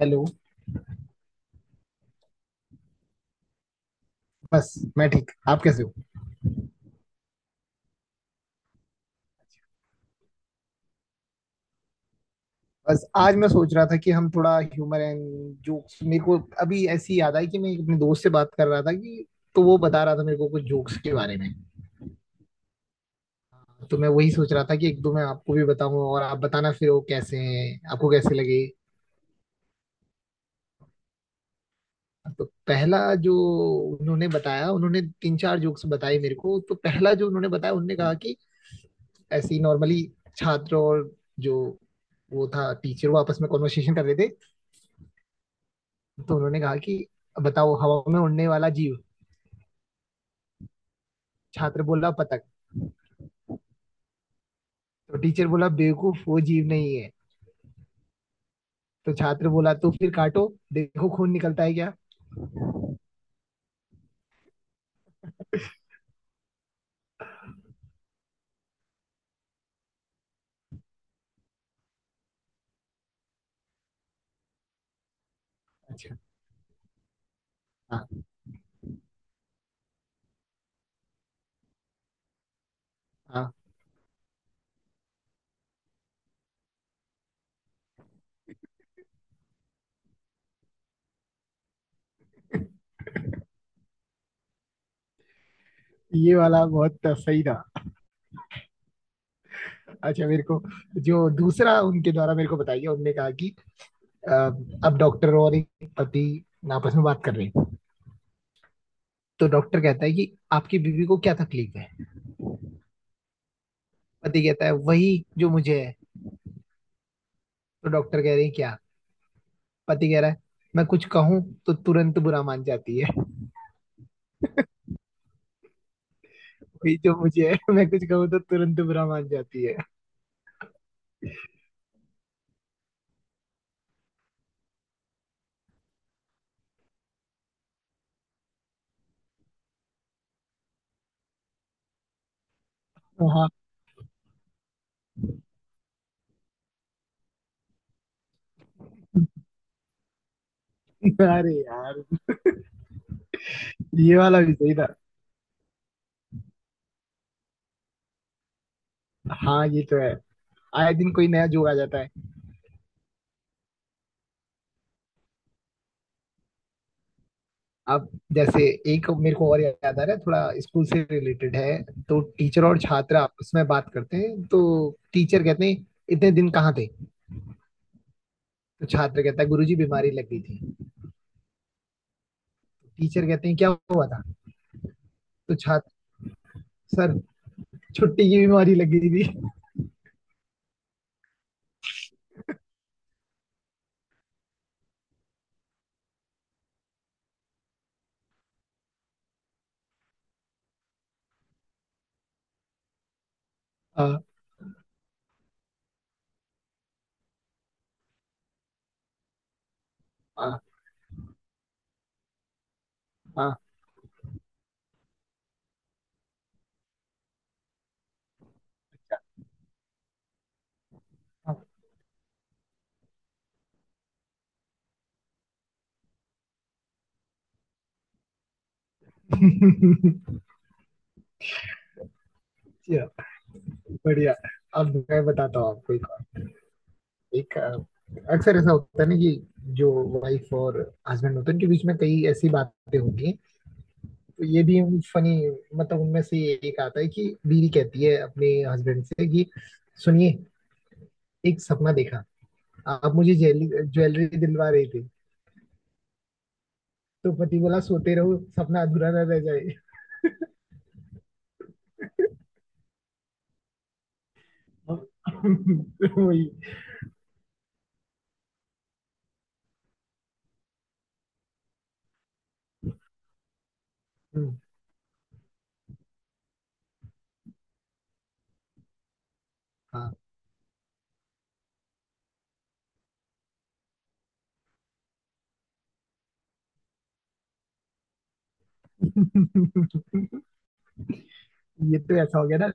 Hello. बस मैं ठीक। आप कैसे हो? बस आज मैं सोच रहा था कि हम थोड़ा ह्यूमर एंड जोक्स। मेरे को अभी ऐसी याद आई कि मैं अपने दोस्त से बात कर रहा था, कि तो वो बता रहा था मेरे को कुछ जोक्स के बारे में। तो मैं वही सोच रहा था कि एक दो मैं आपको भी बताऊं, और आप बताना फिर वो कैसे हैं, आपको कैसे लगे। तो पहला जो उन्होंने बताया, उन्होंने तीन चार जोक्स बताए मेरे को। तो पहला जो उन्होंने बताया, उन्होंने कहा कि ऐसे ही नॉर्मली छात्र और जो वो था टीचर, वो आपस में कॉन्वर्सेशन कर रहे थे। तो उन्होंने कहा कि बताओ हवा में उड़ने वाला जीव। छात्र बोला पतंग। तो टीचर बोला बेवकूफ वो जीव नहीं है। तो छात्र बोला तो फिर काटो, देखो खून निकलता है क्या। अच्छा। हाँ हाँ। ये वाला बहुत सही था। अच्छा मेरे को जो दूसरा उनके द्वारा मेरे को बताया गया, उनने कहा कि अ, अब डॉक्टर और एक पति आपस में बात कर रहे हैं। तो डॉक्टर कहता है कि आपकी बीवी को क्या तकलीफ है। पति कहता है वही जो मुझे है। तो डॉक्टर कह रहे हैं क्या। पति कह रहा है मैं कुछ कहूं तो तुरंत बुरा मान जाती है। वही जो मुझे है मैं कुछ कहूँ तो तुरंत बुरा मान जाती है। हाँ। अरे यार ये वाला भी सही था। हाँ ये तो है। आए दिन कोई नया जोक आ जाता है। अब जैसे एक मेरे को और याद आ रहा है, थोड़ा स्कूल से रिलेटेड है। तो टीचर और छात्र आपस में बात करते हैं। तो टीचर कहते हैं इतने दिन कहाँ थे। तो छात्र कहता है गुरुजी बीमारी लग गई थी। टीचर कहते हैं क्या हुआ था। तो छात्र सर छुट्टी की बीमारी लग गई थी। हाँ हाँ हाँ हाँ। बढ़िया। अब मैं बताता हूँ आपको एक और। एक अक्सर ऐसा होता है ना कि जो वाइफ और हस्बैंड होते हैं उनके बीच में कई ऐसी बातें होती हैं। तो ये भी फनी मतलब उनमें से एक आता है कि बीवी कहती है अपने हस्बैंड से कि सुनिए, एक सपना देखा, आप मुझे ज्वेलरी ज्वेलरी दिलवा रहे थे। तो पति बोला सोते रहो सपना अधूरा ना रह जाए। वही। हम्म। हाँ। ये तो ऐसा हो गया ना।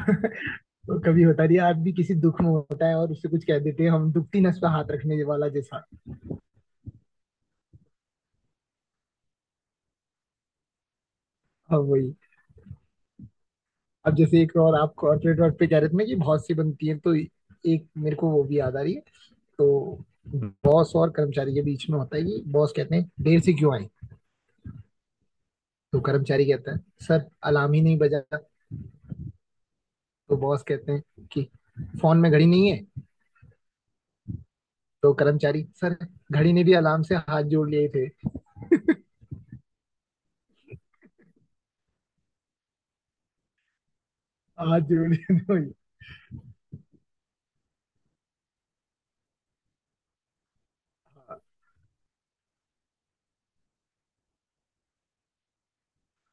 तो कभी होता नहीं है, आदमी किसी दुख में होता है और उससे कुछ कह देते हैं, हम दुखती नस पे हाथ रखने वाला जैसा। हाँ वही। अब जैसे एक और आप कॉर्पोरेट वर्ल्ड पे कह रहे थे ना कि बहुत सी बनती है, तो एक मेरे को वो भी याद आ रही है। तो बॉस और कर्मचारी के बीच में होता है कि बॉस कहते हैं देर से क्यों आए। तो कर्मचारी कहता है सर अलार्म ही नहीं बजा। तो बॉस कहते हैं कि फोन में घड़ी नहीं है। तो कर्मचारी सर घड़ी ने भी अलार्म से हाथ जोड़ लिए थे। हाथ जोड़ लिए थे वही।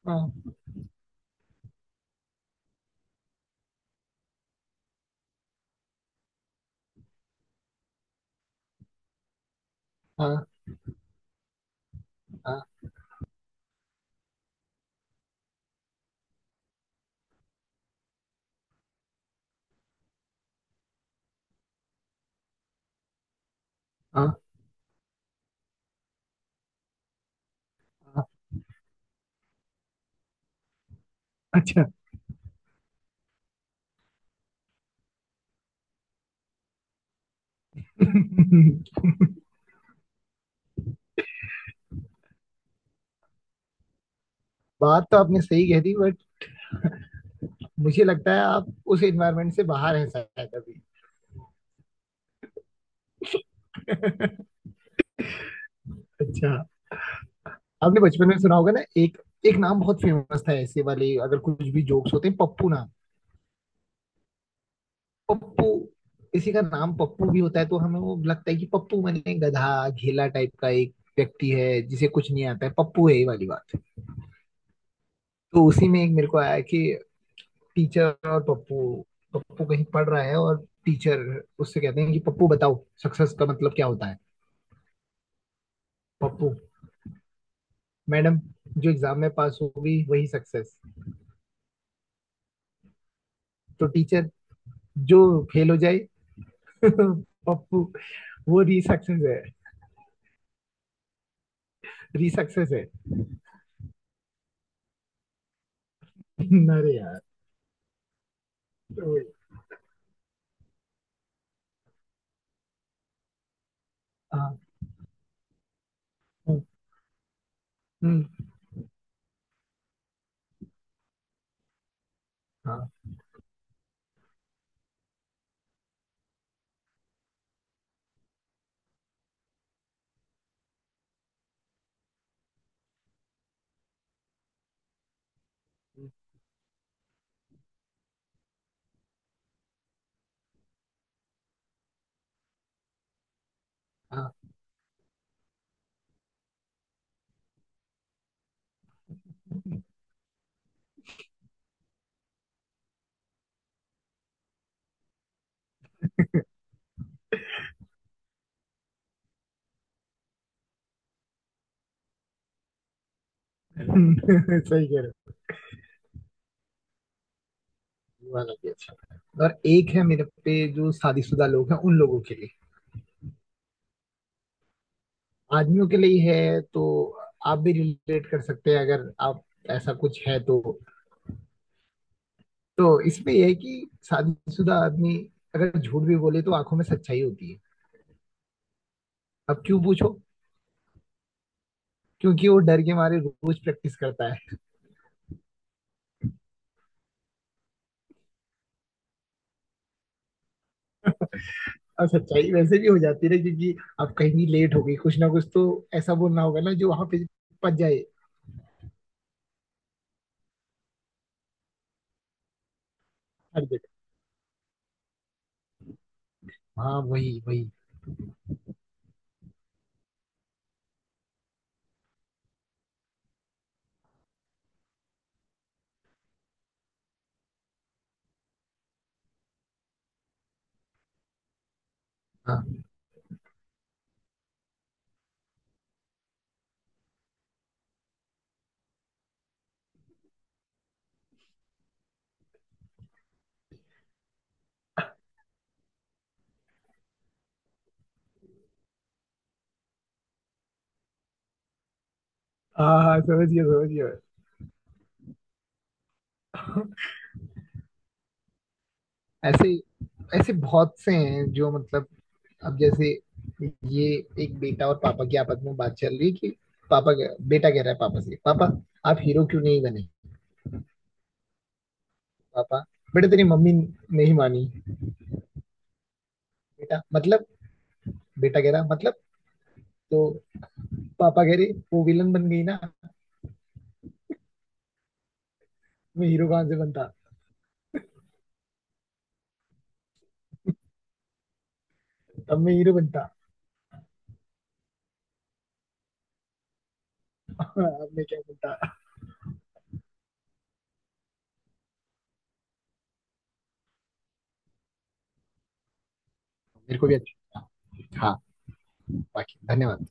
हाँ हाँ हाँ हाँ हाँ। अच्छा। बात तो आपने सही कह दी बट मुझे लगता है आप उस एनवायरमेंट से बाहर हैं शायद अभी। अच्छा आपने बचपन में सुना होगा ना, एक एक नाम बहुत फेमस था, ऐसे वाले अगर कुछ भी जोक्स होते हैं, पप्पू नाम। पप्पू। किसी का नाम पप्पू भी होता है तो हमें वो लगता है कि पप्पू मैंने गधा घेला टाइप का एक व्यक्ति है जिसे कुछ नहीं आता है पप्पू है, ये वाली बात। तो उसी में एक मेरे को आया कि टीचर और पप्पू। पप्पू कहीं पढ़ रहा है और टीचर उससे कहते हैं कि पप्पू बताओ सक्सेस का मतलब क्या होता है। पप्पू, मैडम जो एग्जाम में पास होगी वही सक्सेस। तो टीचर जो फेल हो जाए पप्पू वो री सक्सेस है। री सक्सेस है। अरे यार। तो- हाँ। हम्म। हम्म। हाँ हाँ। हम्म। सही कह रहे हो। ये वाला भी अच्छा था। और एक है मेरे पे जो शादीशुदा लोग हैं उन लोगों के लिए, आदमियों के लिए है। तो आप भी रिलेट कर सकते हैं अगर आप ऐसा कुछ है तो। तो इसमें यह है कि शादीशुदा आदमी अगर झूठ भी बोले तो आंखों में सच्चाई होती है। अब क्यों पूछो। क्योंकि वो डर के मारे रोज प्रैक्टिस करता है। और सच्चाई वैसे भी हो जाती है ना क्योंकि अब कहीं लेट हो गई कुछ ना कुछ, तो ऐसा बोलना होगा ना जो वहां पे पच जाए। हर जगह। हाँ वही वही। हाँ हाँ हाँ, समझ गया समझ गया। ऐसे ऐसे बहुत से हैं जो मतलब अब जैसे ये एक बेटा और पापा की आपस में बात चल रही है कि बेटा कह रहा है पापा से, पापा आप हीरो क्यों नहीं बने। पापा, बेटा तेरी मम्मी नहीं मानी। बेटा मतलब बेटा कह रहा मतलब, तो पापा कह रहे वो विलन बन गई ना। मैं हीरो कहाँ से बनता। तब मैं हीरो बनता। अब मैं क्या बनता। मेरे को भी अच्छा। हाँ। बाकी धन्यवाद।